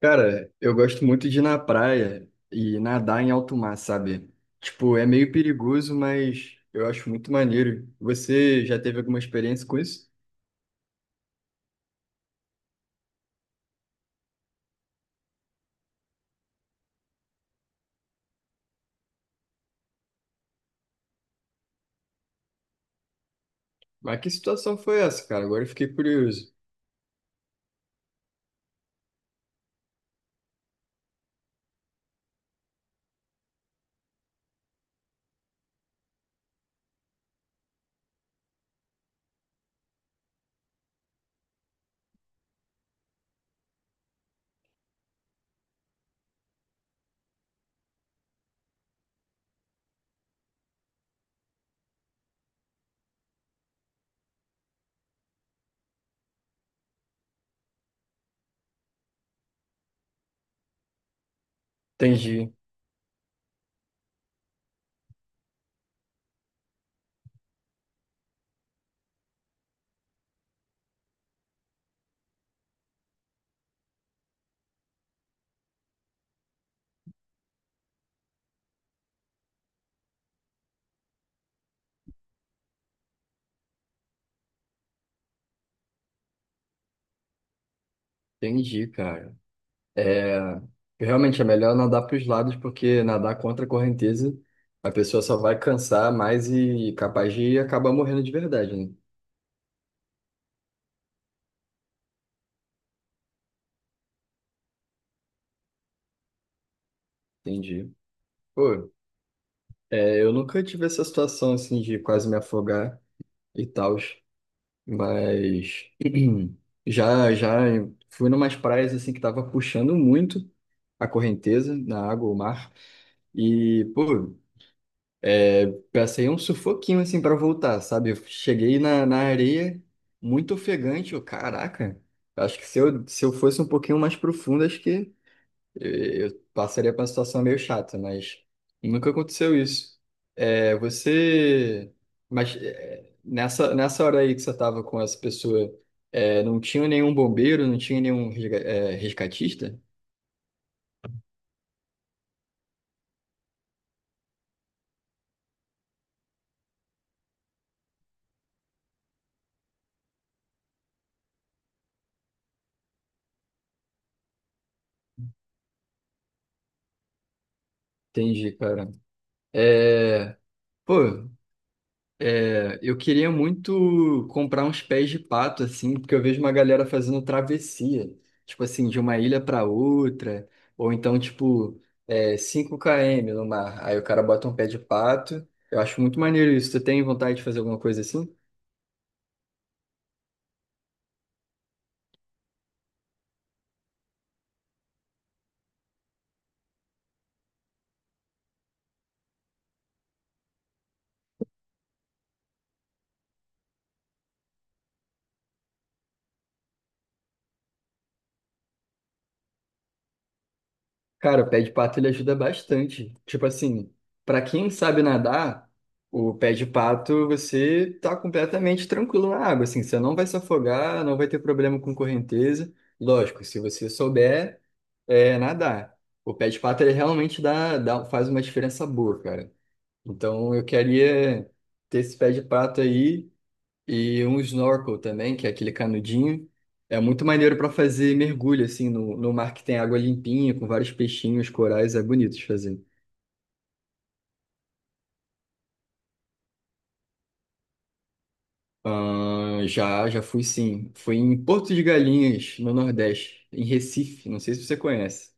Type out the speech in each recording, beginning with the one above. Cara, eu gosto muito de ir na praia e nadar em alto mar, sabe? Tipo, é meio perigoso, mas eu acho muito maneiro. Você já teve alguma experiência com isso? Mas que situação foi essa, cara? Agora eu fiquei curioso. Entendi, entendi, cara. É, realmente é melhor nadar para os lados, porque nadar contra a correnteza, a pessoa só vai cansar mais e capaz de acabar morrendo de verdade, né? Entendi. Pô, é, eu nunca tive essa situação assim de quase me afogar e tal. Mas já já fui numas praias assim que tava puxando muito a correnteza na água, o mar. E, pô, é, passei um sufoquinho assim para voltar, sabe? Eu cheguei na areia muito ofegante, eu, caraca. Acho que se eu fosse um pouquinho mais profundo, acho que eu passaria por uma situação meio chata, mas nunca aconteceu isso. É, você. Mas é, nessa hora aí que você estava com essa pessoa, é, não tinha nenhum bombeiro, não tinha nenhum é, resgatista? Entendi, cara. É, pô, é, eu queria muito comprar uns pés de pato, assim, porque eu vejo uma galera fazendo travessia, tipo assim, de uma ilha para outra, ou então, tipo, é, 5 km no mar. Aí o cara bota um pé de pato. Eu acho muito maneiro isso. Tu tem vontade de fazer alguma coisa assim? Cara, o pé de pato ele ajuda bastante. Tipo assim, pra quem sabe nadar, o pé de pato você tá completamente tranquilo na água, assim, você não vai se afogar, não vai ter problema com correnteza. Lógico, se você souber é, nadar. O pé de pato ele realmente dá, faz uma diferença boa, cara. Então eu queria ter esse pé de pato aí. E um snorkel também, que é aquele canudinho. É muito maneiro para fazer mergulho, assim, no mar que tem água limpinha, com vários peixinhos, corais, é bonito de fazer. Já fui sim. Fui em Porto de Galinhas, no Nordeste, em Recife, não sei se você conhece,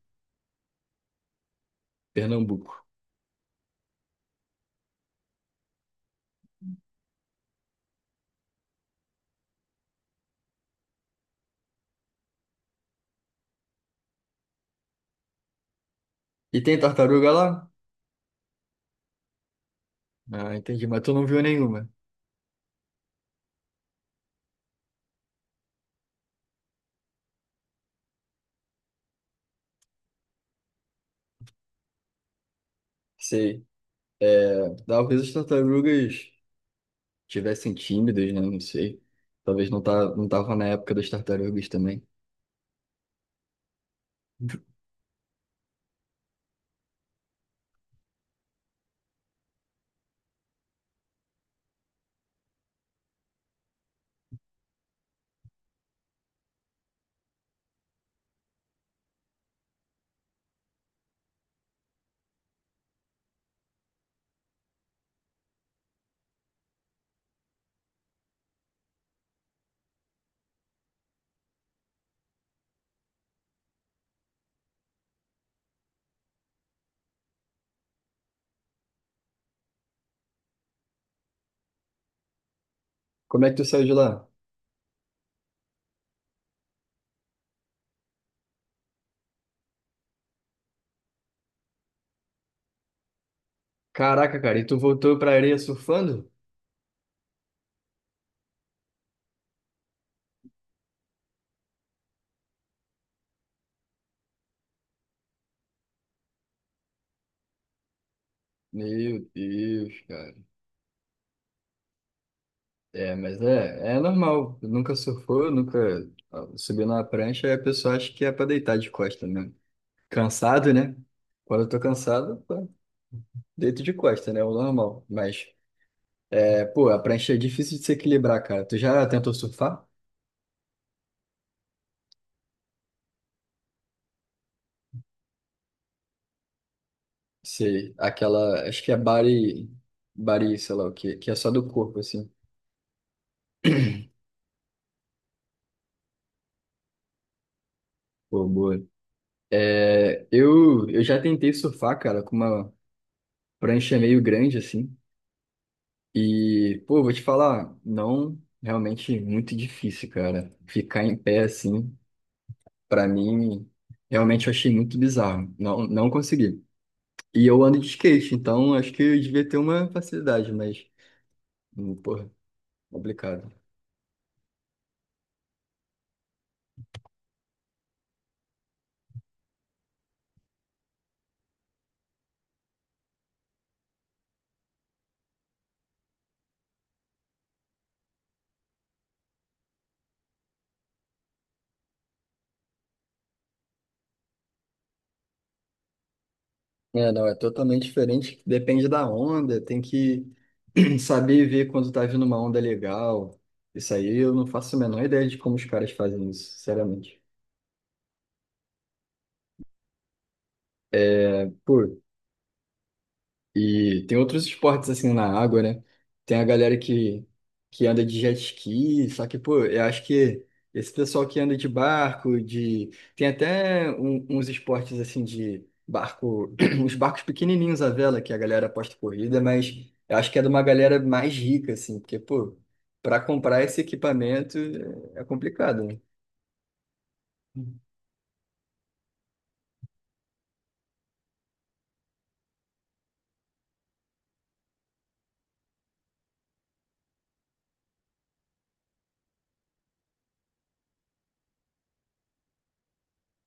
Pernambuco. E tem tartaruga lá? Ah, entendi, mas tu não viu nenhuma. Sei. É, talvez as tartarugas tivessem tímidas, né? Não sei. Talvez não, tá, não tava na época das tartarugas também. Como é que tu saiu de lá? Caraca, cara, e tu voltou pra areia surfando? Meu Deus, cara. É, mas é, é normal. Nunca surfou, nunca subiu na prancha, aí a pessoa acha que é pra deitar de costa mesmo. Cansado, né? Quando eu tô cansado, pô, deito de costa, né? É o normal. Mas, é, pô, a prancha é difícil de se equilibrar, cara. Tu já tentou surfar? Sei, aquela, acho que é body, sei lá o quê, que é só do corpo, assim. Pô, boa. É, eu já tentei surfar, cara, com uma prancha é meio grande, assim. E, pô, eu vou te falar, não, realmente muito difícil, cara. Ficar em pé, assim, pra mim, realmente eu achei muito bizarro. Não, não consegui. E eu ando de skate, então acho que eu devia ter uma facilidade, mas, porra, complicado. É, não, é totalmente diferente, depende da onda, tem que saber ver quando tá vindo uma onda legal. Isso aí eu não faço a menor ideia de como os caras fazem isso, sinceramente. Pô, e tem outros esportes assim na água, né? Tem a galera que anda de jet ski, só que, pô, eu acho que esse pessoal que anda de barco, de. Tem até uns esportes assim de barco, uns barcos pequenininhos à vela que a galera aposta corrida, mas eu acho que é de uma galera mais rica, assim, porque, pô, para comprar esse equipamento é complicado, né?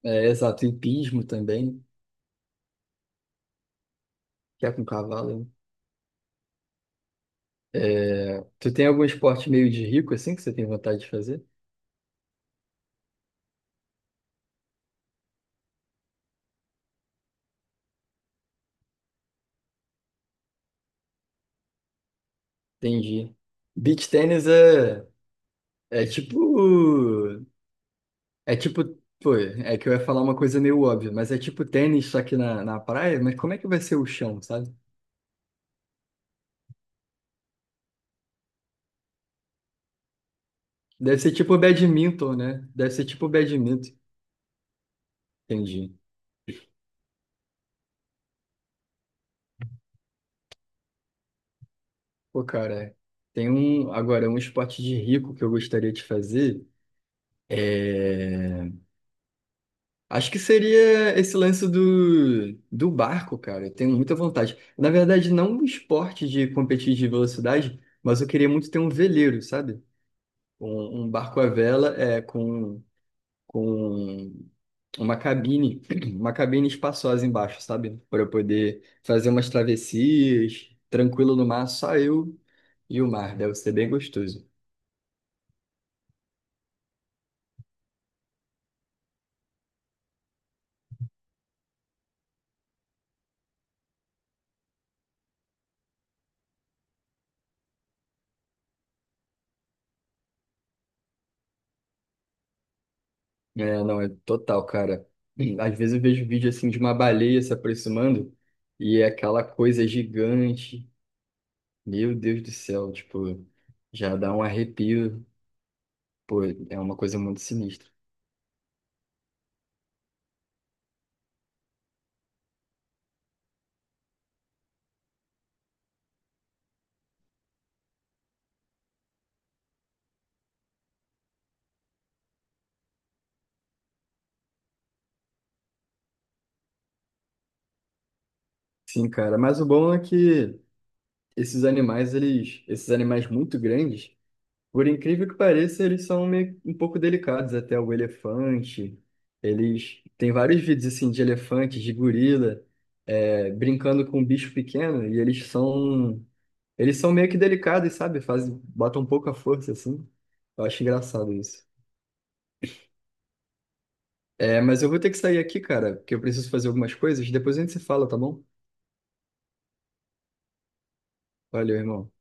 É, exato, hipismo também, que é com cavalo, né? É, tu tem algum esporte meio de rico assim que você tem vontade de fazer? Entendi. Beach tennis é, é tipo. É tipo. Pô, é que eu ia falar uma coisa meio óbvia, mas é tipo tênis, só que na praia. Mas como é que vai ser o chão, sabe? Deve ser tipo badminton. Entendi. Pô, cara, tem um. Agora, um esporte de rico que eu gostaria de fazer. É. Acho que seria esse lance do barco, cara. Eu tenho muita vontade. Na verdade, não um esporte de competir de velocidade, mas eu queria muito ter um veleiro, sabe? Um barco à vela é, com uma cabine, uma cabine espaçosa embaixo, sabe? Para eu poder fazer umas travessias, tranquilo no mar, só eu e o mar. Deve ser bem gostoso. É, não, é total, cara. Às vezes eu vejo vídeo assim de uma baleia se aproximando e é aquela coisa gigante. Meu Deus do céu, tipo, já dá um arrepio. Pô, é uma coisa muito sinistra. Sim, cara, mas o bom é que esses animais, eles, esses animais muito grandes, por incrível que pareça, eles são meio, um pouco delicados, até o elefante. Eles tem vários vídeos assim de elefante, de gorila, é, brincando com um bicho pequeno e eles são eles são meio que delicados, sabe? Fazem, botam um pouco a força, assim. Eu acho engraçado isso. É, mas eu vou ter que sair aqui, cara, porque eu preciso fazer algumas coisas. Depois a gente se fala, tá bom? Valeu, irmão.